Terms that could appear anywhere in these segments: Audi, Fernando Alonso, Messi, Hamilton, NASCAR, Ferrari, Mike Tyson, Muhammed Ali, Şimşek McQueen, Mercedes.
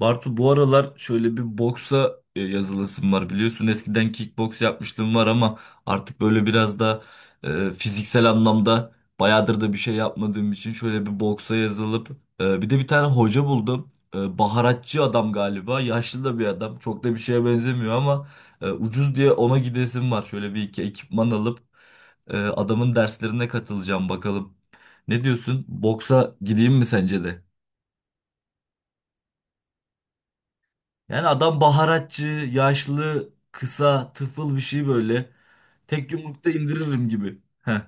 Bartu, bu aralar şöyle bir boksa yazılasım var, biliyorsun eskiden kickboks yapmışlığım var, ama artık böyle biraz da fiziksel anlamda bayağıdır da bir şey yapmadığım için şöyle bir boksa yazılıp bir de bir tane hoca buldum. Baharatçı adam galiba, yaşlı da bir adam, çok da bir şeye benzemiyor ama ucuz diye ona gidesim var. Şöyle bir iki ekipman alıp adamın derslerine katılacağım bakalım. Ne diyorsun, boksa gideyim mi sence de? Yani adam baharatçı, yaşlı, kısa, tıfıl bir şey böyle. Tek yumrukta indiririm gibi. Heh,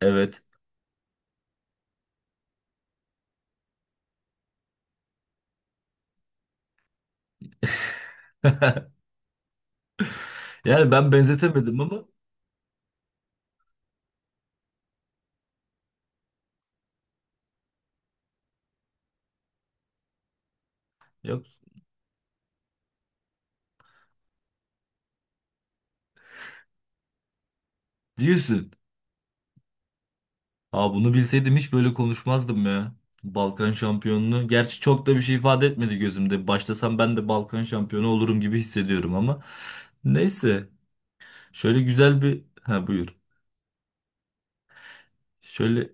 evet. Yani ben benzetemedim ama yok diyorsun. Aa, bunu bilseydim hiç böyle konuşmazdım ya. Balkan şampiyonluğu. Gerçi çok da bir şey ifade etmedi gözümde. Başlasam ben de Balkan şampiyonu olurum gibi hissediyorum ama. Neyse. Şöyle güzel bir... Ha, buyur. Şöyle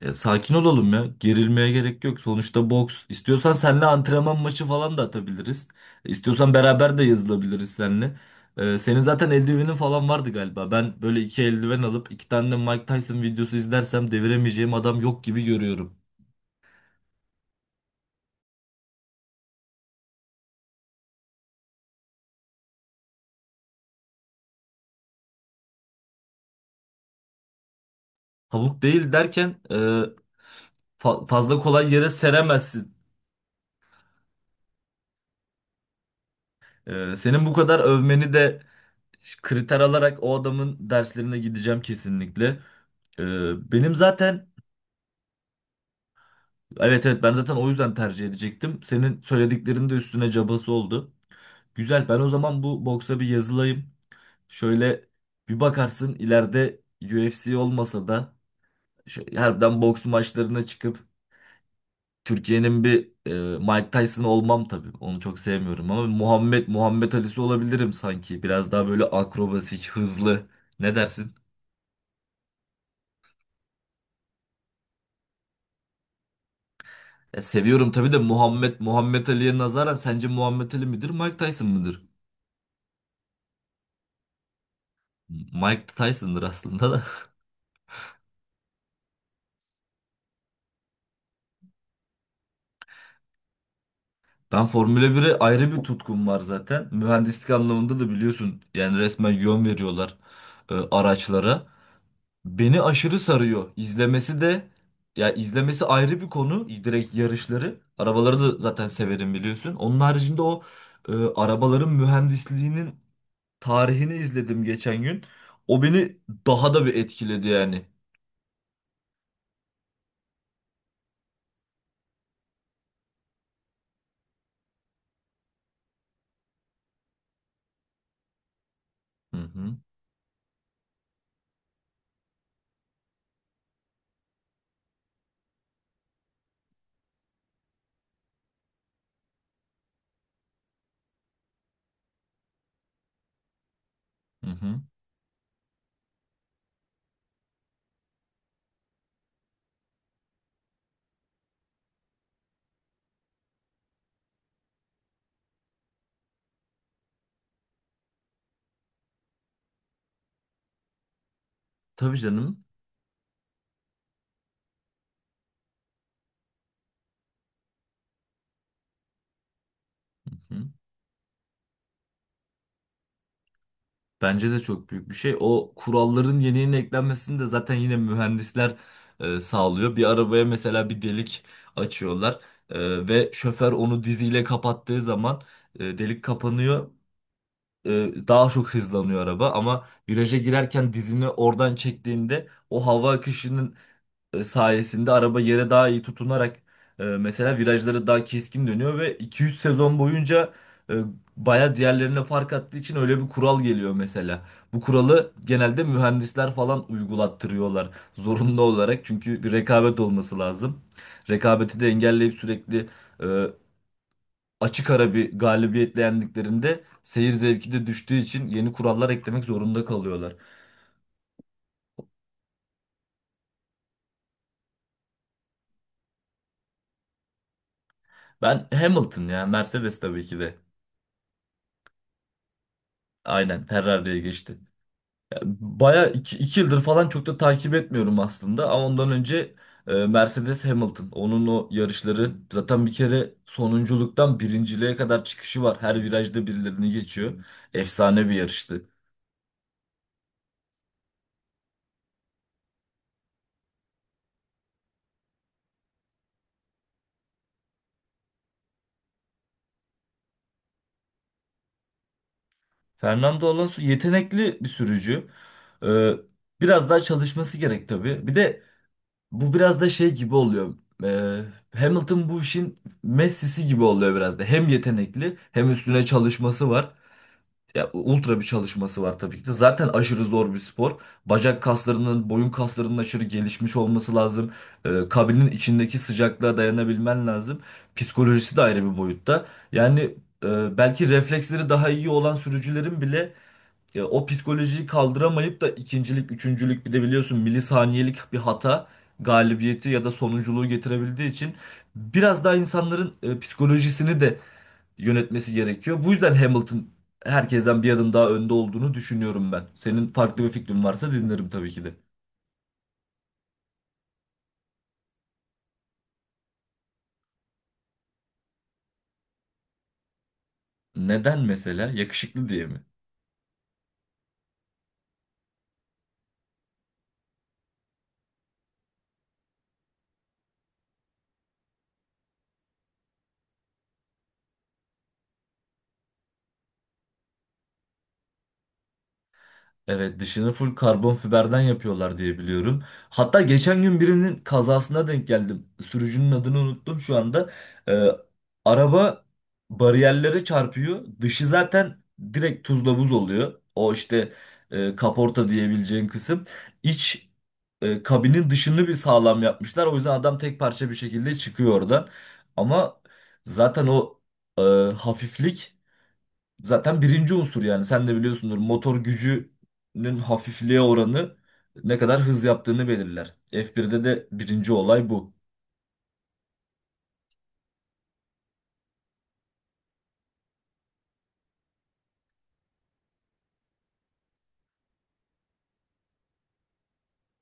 Ya sakin olalım ya. Gerilmeye gerek yok. Sonuçta boks. İstiyorsan seninle antrenman maçı falan da atabiliriz. İstiyorsan beraber de yazılabiliriz seninle. Senin zaten eldivenin falan vardı galiba. Ben böyle iki eldiven alıp iki tane de Mike Tyson videosu izlersem deviremeyeceğim adam yok gibi görüyorum. Tavuk değil derken fazla kolay yere seremezsin. Senin bu kadar övmeni de kriter alarak o adamın derslerine gideceğim kesinlikle. E, benim zaten Evet, evet, ben zaten o yüzden tercih edecektim. Senin söylediklerin de üstüne cabası oldu. Güzel. Ben o zaman bu boksa bir yazılayım. Şöyle bir bakarsın, ileride UFC olmasa da harbiden boks maçlarına çıkıp Türkiye'nin bir Mike Tyson olmam tabii. Onu çok sevmiyorum ama Muhammed Ali'si olabilirim sanki. Biraz daha böyle akrobasik, hızlı. Ne dersin? Ya seviyorum tabii de, Muhammed Ali'ye nazaran sence Muhammed Ali midir, Mike Tyson mıdır? Mike Tyson'dır aslında. Ben Formula 1'e ayrı bir tutkum var zaten. Mühendislik anlamında da biliyorsun, yani resmen yön veriyorlar araçlara. Beni aşırı sarıyor. İzlemesi de, ya izlemesi ayrı bir konu. Direkt yarışları. Arabaları da zaten severim, biliyorsun. Onun haricinde o arabaların mühendisliğinin tarihini izledim geçen gün. O beni daha da bir etkiledi yani. Hı hı, hı hı. Tabii canım. Hı. Bence de çok büyük bir şey. O kuralların yeni yeni eklenmesini de zaten yine mühendisler sağlıyor. Bir arabaya mesela bir delik açıyorlar ve şoför onu diziyle kapattığı zaman delik kapanıyor. E, Daha çok hızlanıyor araba, ama viraja girerken dizini oradan çektiğinde o hava akışının sayesinde araba yere daha iyi tutunarak mesela virajları daha keskin dönüyor ve 200 sezon boyunca e, baya diğerlerine fark attığı için öyle bir kural geliyor mesela. Bu kuralı genelde mühendisler falan uygulattırıyorlar zorunlu olarak, çünkü bir rekabet olması lazım. Rekabeti de engelleyip sürekli e, açık ara bir galibiyetle yendiklerinde seyir zevki de düştüğü için yeni kurallar eklemek zorunda kalıyorlar. Ben Hamilton ya, Mercedes tabii ki de. Aynen, Ferrari'ye geçti. Baya iki yıldır falan çok da takip etmiyorum aslında, ama ondan önce Mercedes Hamilton, onun o yarışları zaten, bir kere sonunculuktan birinciliğe kadar çıkışı var, her virajda birilerini geçiyor, efsane bir yarıştı. Fernando Alonso yetenekli bir sürücü. E, Biraz daha çalışması gerek tabii. Bir de bu biraz da şey gibi oluyor. E, Hamilton bu işin Messi'si gibi oluyor biraz da, hem yetenekli hem üstüne çalışması var. Ya ultra bir çalışması var tabii ki de. Zaten aşırı zor bir spor. Bacak kaslarının, boyun kaslarının aşırı gelişmiş olması lazım. Kabinin içindeki sıcaklığa dayanabilmen lazım. Psikolojisi de ayrı bir boyutta. Yani belki refleksleri daha iyi olan sürücülerin bile o psikolojiyi kaldıramayıp da ikincilik, üçüncülük, bir de biliyorsun milisaniyelik bir hata galibiyeti ya da sonunculuğu getirebildiği için biraz daha insanların psikolojisini de yönetmesi gerekiyor. Bu yüzden Hamilton herkesten bir adım daha önde olduğunu düşünüyorum ben. Senin farklı bir fikrin varsa dinlerim tabii ki de. Neden mesela? Yakışıklı diye mi? Evet, dışını full karbon fiberden yapıyorlar diye biliyorum. Hatta geçen gün birinin kazasına denk geldim. Sürücünün adını unuttum şu anda. Ee, Araba bariyerlere çarpıyor. Dışı zaten direkt tuzla buz oluyor. O işte kaporta diyebileceğin kısım. İç kabinin dışını bir sağlam yapmışlar. O yüzden adam tek parça bir şekilde çıkıyor oradan. Ama zaten o e, hafiflik zaten birinci unsur, yani sen de biliyorsundur, motor gücünün hafifliğe oranı ne kadar hız yaptığını belirler. F1'de de birinci olay bu.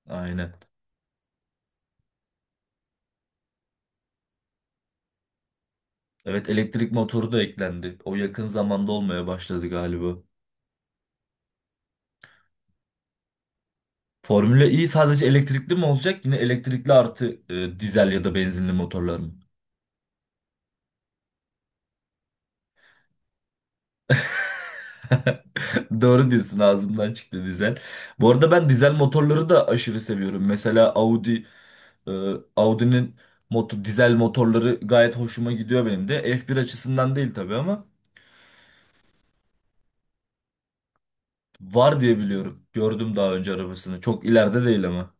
Aynen. Evet, elektrik motoru da eklendi. O yakın zamanda olmaya başladı galiba. Formula E sadece elektrikli mi olacak? Yine elektrikli artı dizel ya da benzinli motorlar mı? Doğru diyorsun, ağzımdan çıktı dizel. Bu arada ben dizel motorları da aşırı seviyorum. Mesela Audi. Audi'nin dizel motorları gayet hoşuma gidiyor benim de. F1 açısından değil tabii ama. Var diye biliyorum. Gördüm daha önce arabasını. Çok ileride değil ama.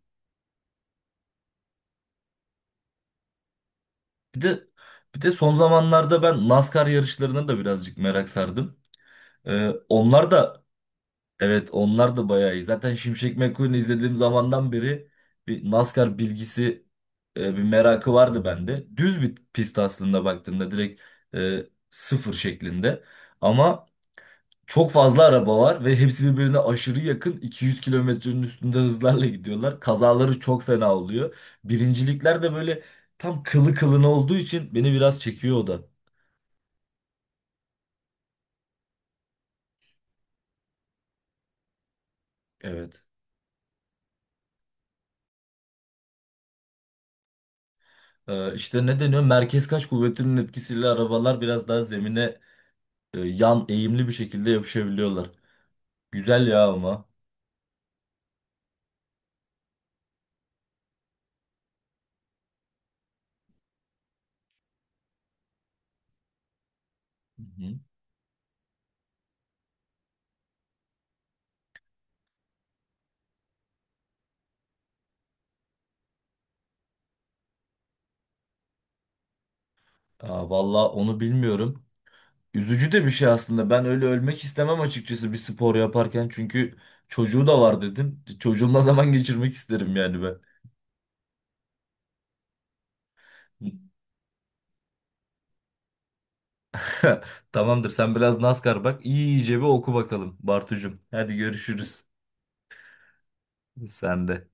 Bir de bir de son zamanlarda ben NASCAR yarışlarına da birazcık merak sardım. Onlar da, evet, onlar da bayağı iyi. Zaten Şimşek McQueen'i izlediğim zamandan beri bir NASCAR bilgisi, bir merakı vardı bende. Düz bir pist aslında baktığımda, direkt sıfır şeklinde. Ama çok fazla araba var ve hepsi birbirine aşırı yakın, 200 kilometrenin üstünde hızlarla gidiyorlar. Kazaları çok fena oluyor. Birincilikler de böyle tam kılı kılına olduğu için beni biraz çekiyor o da. Evet. İşte ne deniyor, merkez kaç kuvvetinin etkisiyle arabalar biraz daha zemine yan eğimli bir şekilde yapışabiliyorlar. Güzel ya ama. Hı hı. Aa, valla onu bilmiyorum. Üzücü de bir şey aslında. Ben öyle ölmek istemem açıkçası, bir spor yaparken. Çünkü çocuğu da var dedin. Çocuğumla zaman geçirmek isterim yani ben. Tamamdır, sen biraz NASCAR bak. İyice bir oku bakalım Bartucuğum. Hadi görüşürüz. Sen de.